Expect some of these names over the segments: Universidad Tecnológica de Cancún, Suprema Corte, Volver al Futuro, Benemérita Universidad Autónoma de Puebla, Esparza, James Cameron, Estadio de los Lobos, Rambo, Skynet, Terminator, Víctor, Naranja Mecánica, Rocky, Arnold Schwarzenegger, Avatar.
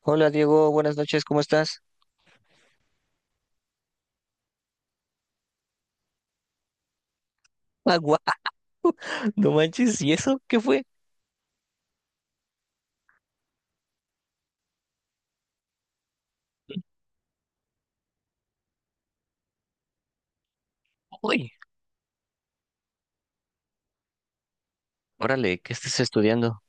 Hola Diego, buenas noches, ¿cómo estás? Agua, no manches, ¿y eso qué fue? Uy, órale, ¿qué estás estudiando?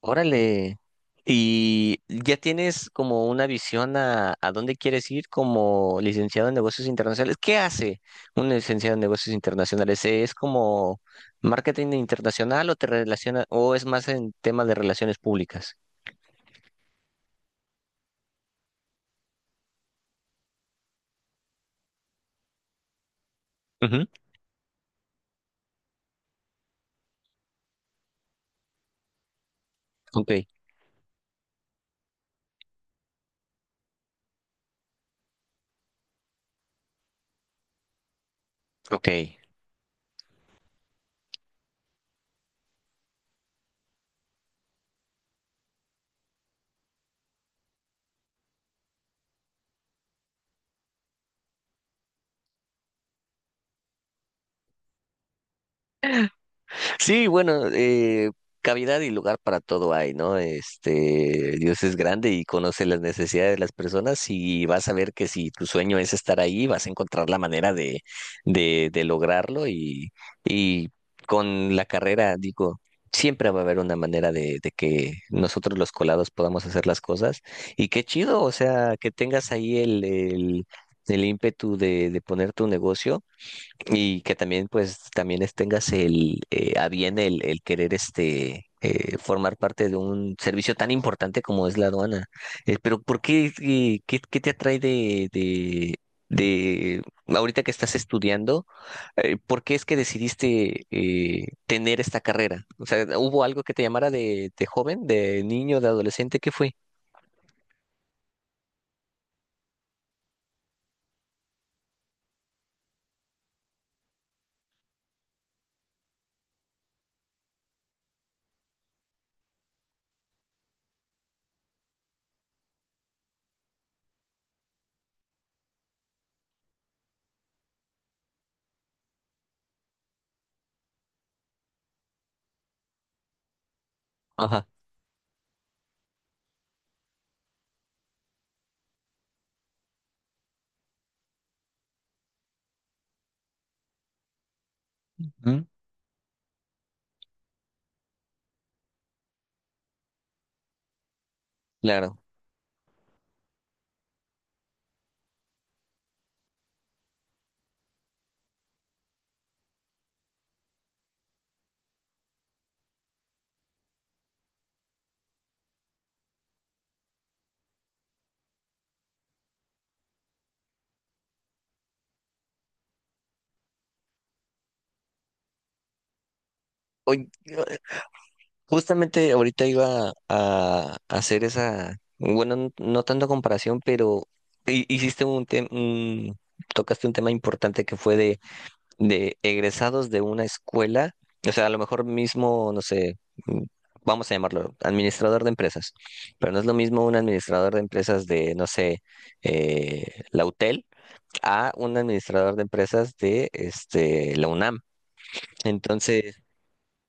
Órale. ¿Y ya tienes como una visión a dónde quieres ir como licenciado en negocios internacionales? ¿Qué hace un licenciado en negocios internacionales? ¿Es como marketing internacional o te relaciona o es más en temas de relaciones públicas? Ujú. Ok, ok. Sí, bueno, cavidad y lugar para todo hay, ¿no? Este, Dios es grande y conoce las necesidades de las personas y vas a ver que si tu sueño es estar ahí, vas a encontrar la manera de lograrlo y con la carrera, digo, siempre va a haber una manera de que nosotros los colados podamos hacer las cosas y qué chido, o sea, que tengas ahí el ímpetu de poner tu negocio. Y que también, pues, también tengas el, a bien el querer este, formar parte de un servicio tan importante como es la aduana. Pero, ¿por qué, qué, qué te atrae de, ahorita que estás estudiando, por qué es que decidiste tener esta carrera? O sea, ¿hubo algo que te llamara de joven, de niño, de adolescente? ¿Qué fue? Ajá. ¿Mm? Claro. Oye, justamente ahorita iba a hacer esa, bueno, no tanto comparación, pero hiciste un tema, tocaste un tema importante que fue de egresados de una escuela, o sea, a lo mejor mismo, no sé, mm, vamos a llamarlo administrador de empresas, pero no es lo mismo un administrador de empresas de, no sé, la UTEL a un administrador de empresas de este, la UNAM. Entonces,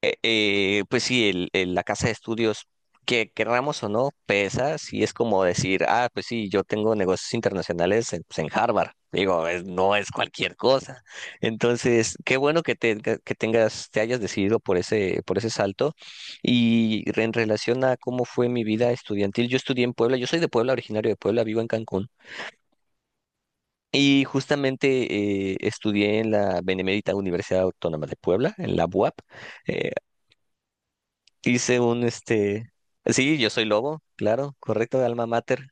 pues sí, el, la casa de estudios, que querramos o no, pesa, sí es como decir, ah, pues sí, yo tengo negocios internacionales en, pues en Harvard. Digo, no es cualquier cosa. Entonces, qué bueno que, te, que tengas, te hayas decidido por ese salto. Y en relación a cómo fue mi vida estudiantil, yo estudié en Puebla, yo soy de Puebla, originario de Puebla, vivo en Cancún. Y justamente estudié en la Benemérita Universidad Autónoma de Puebla, en la BUAP. Hice un, este, sí, yo soy lobo, claro, correcto, alma mater.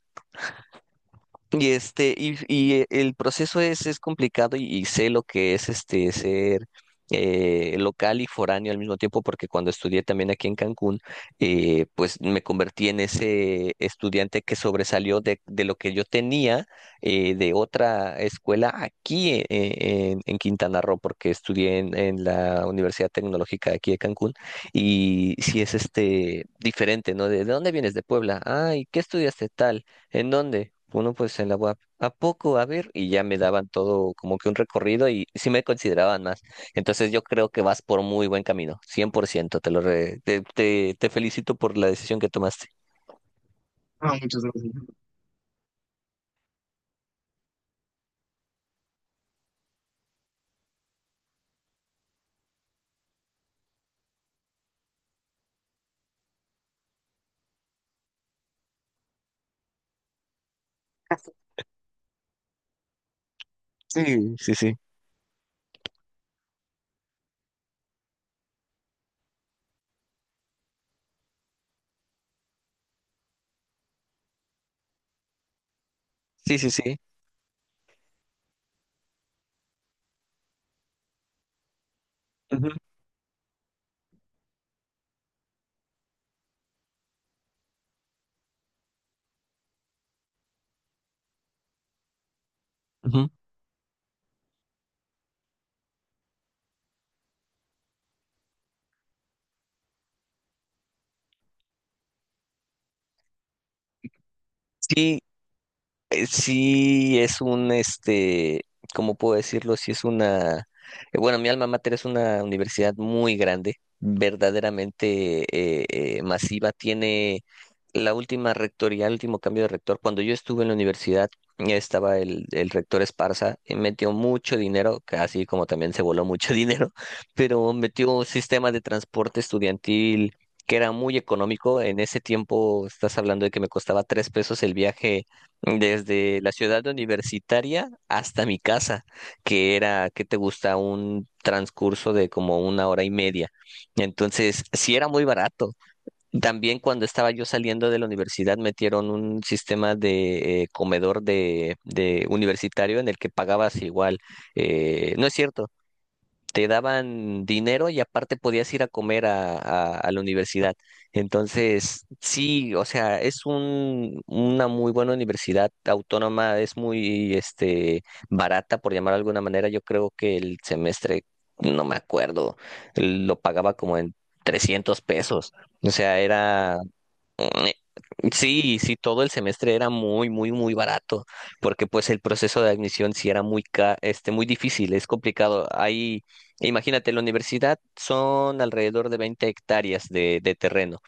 Y este, y el proceso es complicado y sé lo que es este ser local y foráneo al mismo tiempo, porque cuando estudié también aquí en Cancún, pues me convertí en ese estudiante que sobresalió de lo que yo tenía de otra escuela aquí en Quintana Roo, porque estudié en la Universidad Tecnológica de aquí de Cancún, y sí es este diferente, ¿no? De dónde vienes? De Puebla. Ah, ¿y qué estudiaste tal? ¿En dónde? Uno pues en la web. ¿A P. ¿A poco? A ver, y ya me daban todo como que un recorrido y sí me consideraban más. Entonces yo creo que vas por muy buen camino, 100%. Te lo te, te, te felicito por la decisión que tomaste. Ah, muchas gracias. Sí, sí, sí. Sí, sí, sí. Ujú, ujú. Sí, sí es un, este, ¿cómo puedo decirlo? Sí es una, bueno, mi alma mater es una universidad muy grande, verdaderamente masiva, tiene la última rectoría, el último cambio de rector. Cuando yo estuve en la universidad, ya estaba el rector Esparza, metió mucho dinero, así como también se voló mucho dinero, pero metió un sistema de transporte estudiantil, que era muy económico. En ese tiempo, estás hablando de que me costaba 3 pesos el viaje desde la ciudad universitaria hasta mi casa, que era, ¿qué te gusta? Un transcurso de como una hora y media. Entonces, sí era muy barato. También cuando estaba yo saliendo de la universidad, metieron un sistema de comedor de universitario en el que pagabas igual. No es cierto, te daban dinero y aparte podías ir a comer a, a la universidad. Entonces, sí, o sea, es un, una muy buena universidad autónoma, es muy este, barata, por llamar de alguna manera. Yo creo que el semestre, no me acuerdo, lo pagaba como en 300 pesos. O sea, era... Mm, sí, sí, todo el semestre era muy, muy, muy barato, porque pues el proceso de admisión sí era muy, este, muy difícil, es complicado. Ahí, imagínate, la universidad son alrededor de 20 hectáreas de terreno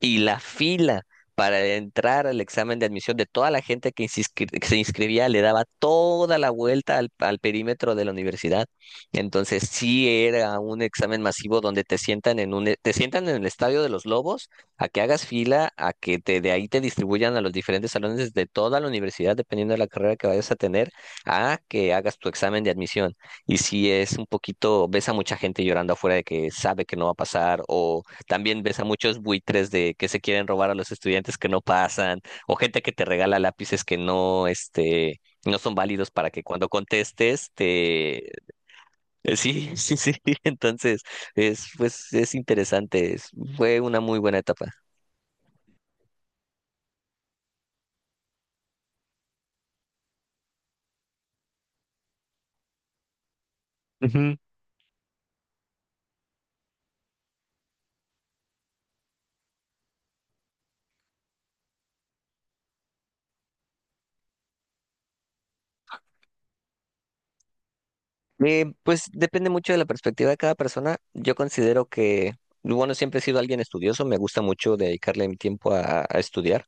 y la fila para entrar al examen de admisión de toda la gente que se que se inscribía le daba toda la vuelta al, al perímetro de la universidad. Entonces sí era un examen masivo donde te sientan en un, te sientan en el Estadio de los Lobos a que hagas fila, a que te, de ahí te distribuyan a los diferentes salones de toda la universidad, dependiendo de la carrera que vayas a tener, a que hagas tu examen de admisión. Y si es un poquito, ves a mucha gente llorando afuera de que sabe que no va a pasar o también ves a muchos buitres de que se quieren robar a los estudiantes que no pasan, o gente que te regala lápices que no, este, no son válidos para que cuando contestes te... Sí, sí, sí. Entonces, es, pues, es interesante. Fue una muy buena etapa. Pues depende mucho de la perspectiva de cada persona. Yo considero que, bueno, siempre he sido alguien estudioso, me gusta mucho dedicarle mi tiempo a estudiar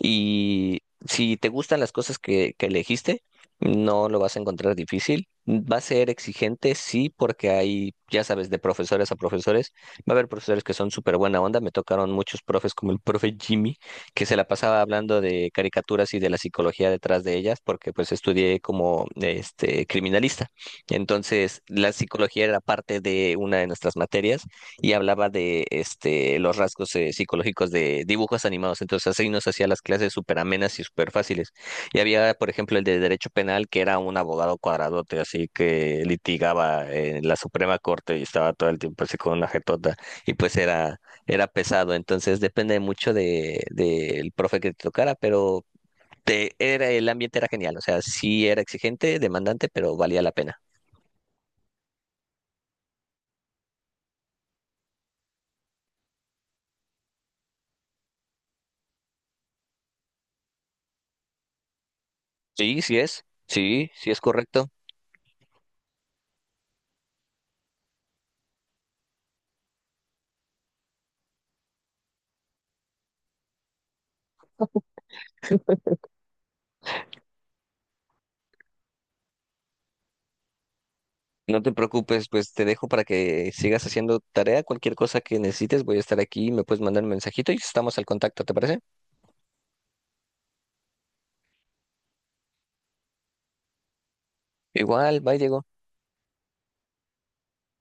y si te gustan las cosas que elegiste, no lo vas a encontrar difícil. Va a ser exigente, sí, porque hay, ya sabes, de profesores a profesores. Va a haber profesores que son súper buena onda. Me tocaron muchos profes como el profe Jimmy, que se la pasaba hablando de caricaturas y de la psicología detrás de ellas, porque pues estudié como este criminalista. Entonces, la psicología era parte de una de nuestras materias y hablaba de este, los rasgos psicológicos de dibujos animados. Entonces, así nos hacía las clases súper amenas y súper fáciles. Y había, por ejemplo, el de Derecho Penal, que era un abogado cuadradote, así que litigaba en la Suprema Corte y estaba todo el tiempo así con una jetota. Y pues era, era pesado. Entonces, depende mucho de, del profe que te tocara, pero te, era, el ambiente era genial. O sea, sí era exigente, demandante, pero valía la pena. Sí, sí es. Sí, sí es correcto. No te preocupes, pues te dejo para que sigas haciendo tarea. Cualquier cosa que necesites, voy a estar aquí. Me puedes mandar un mensajito y estamos al contacto, ¿te parece? Igual, bye, Diego.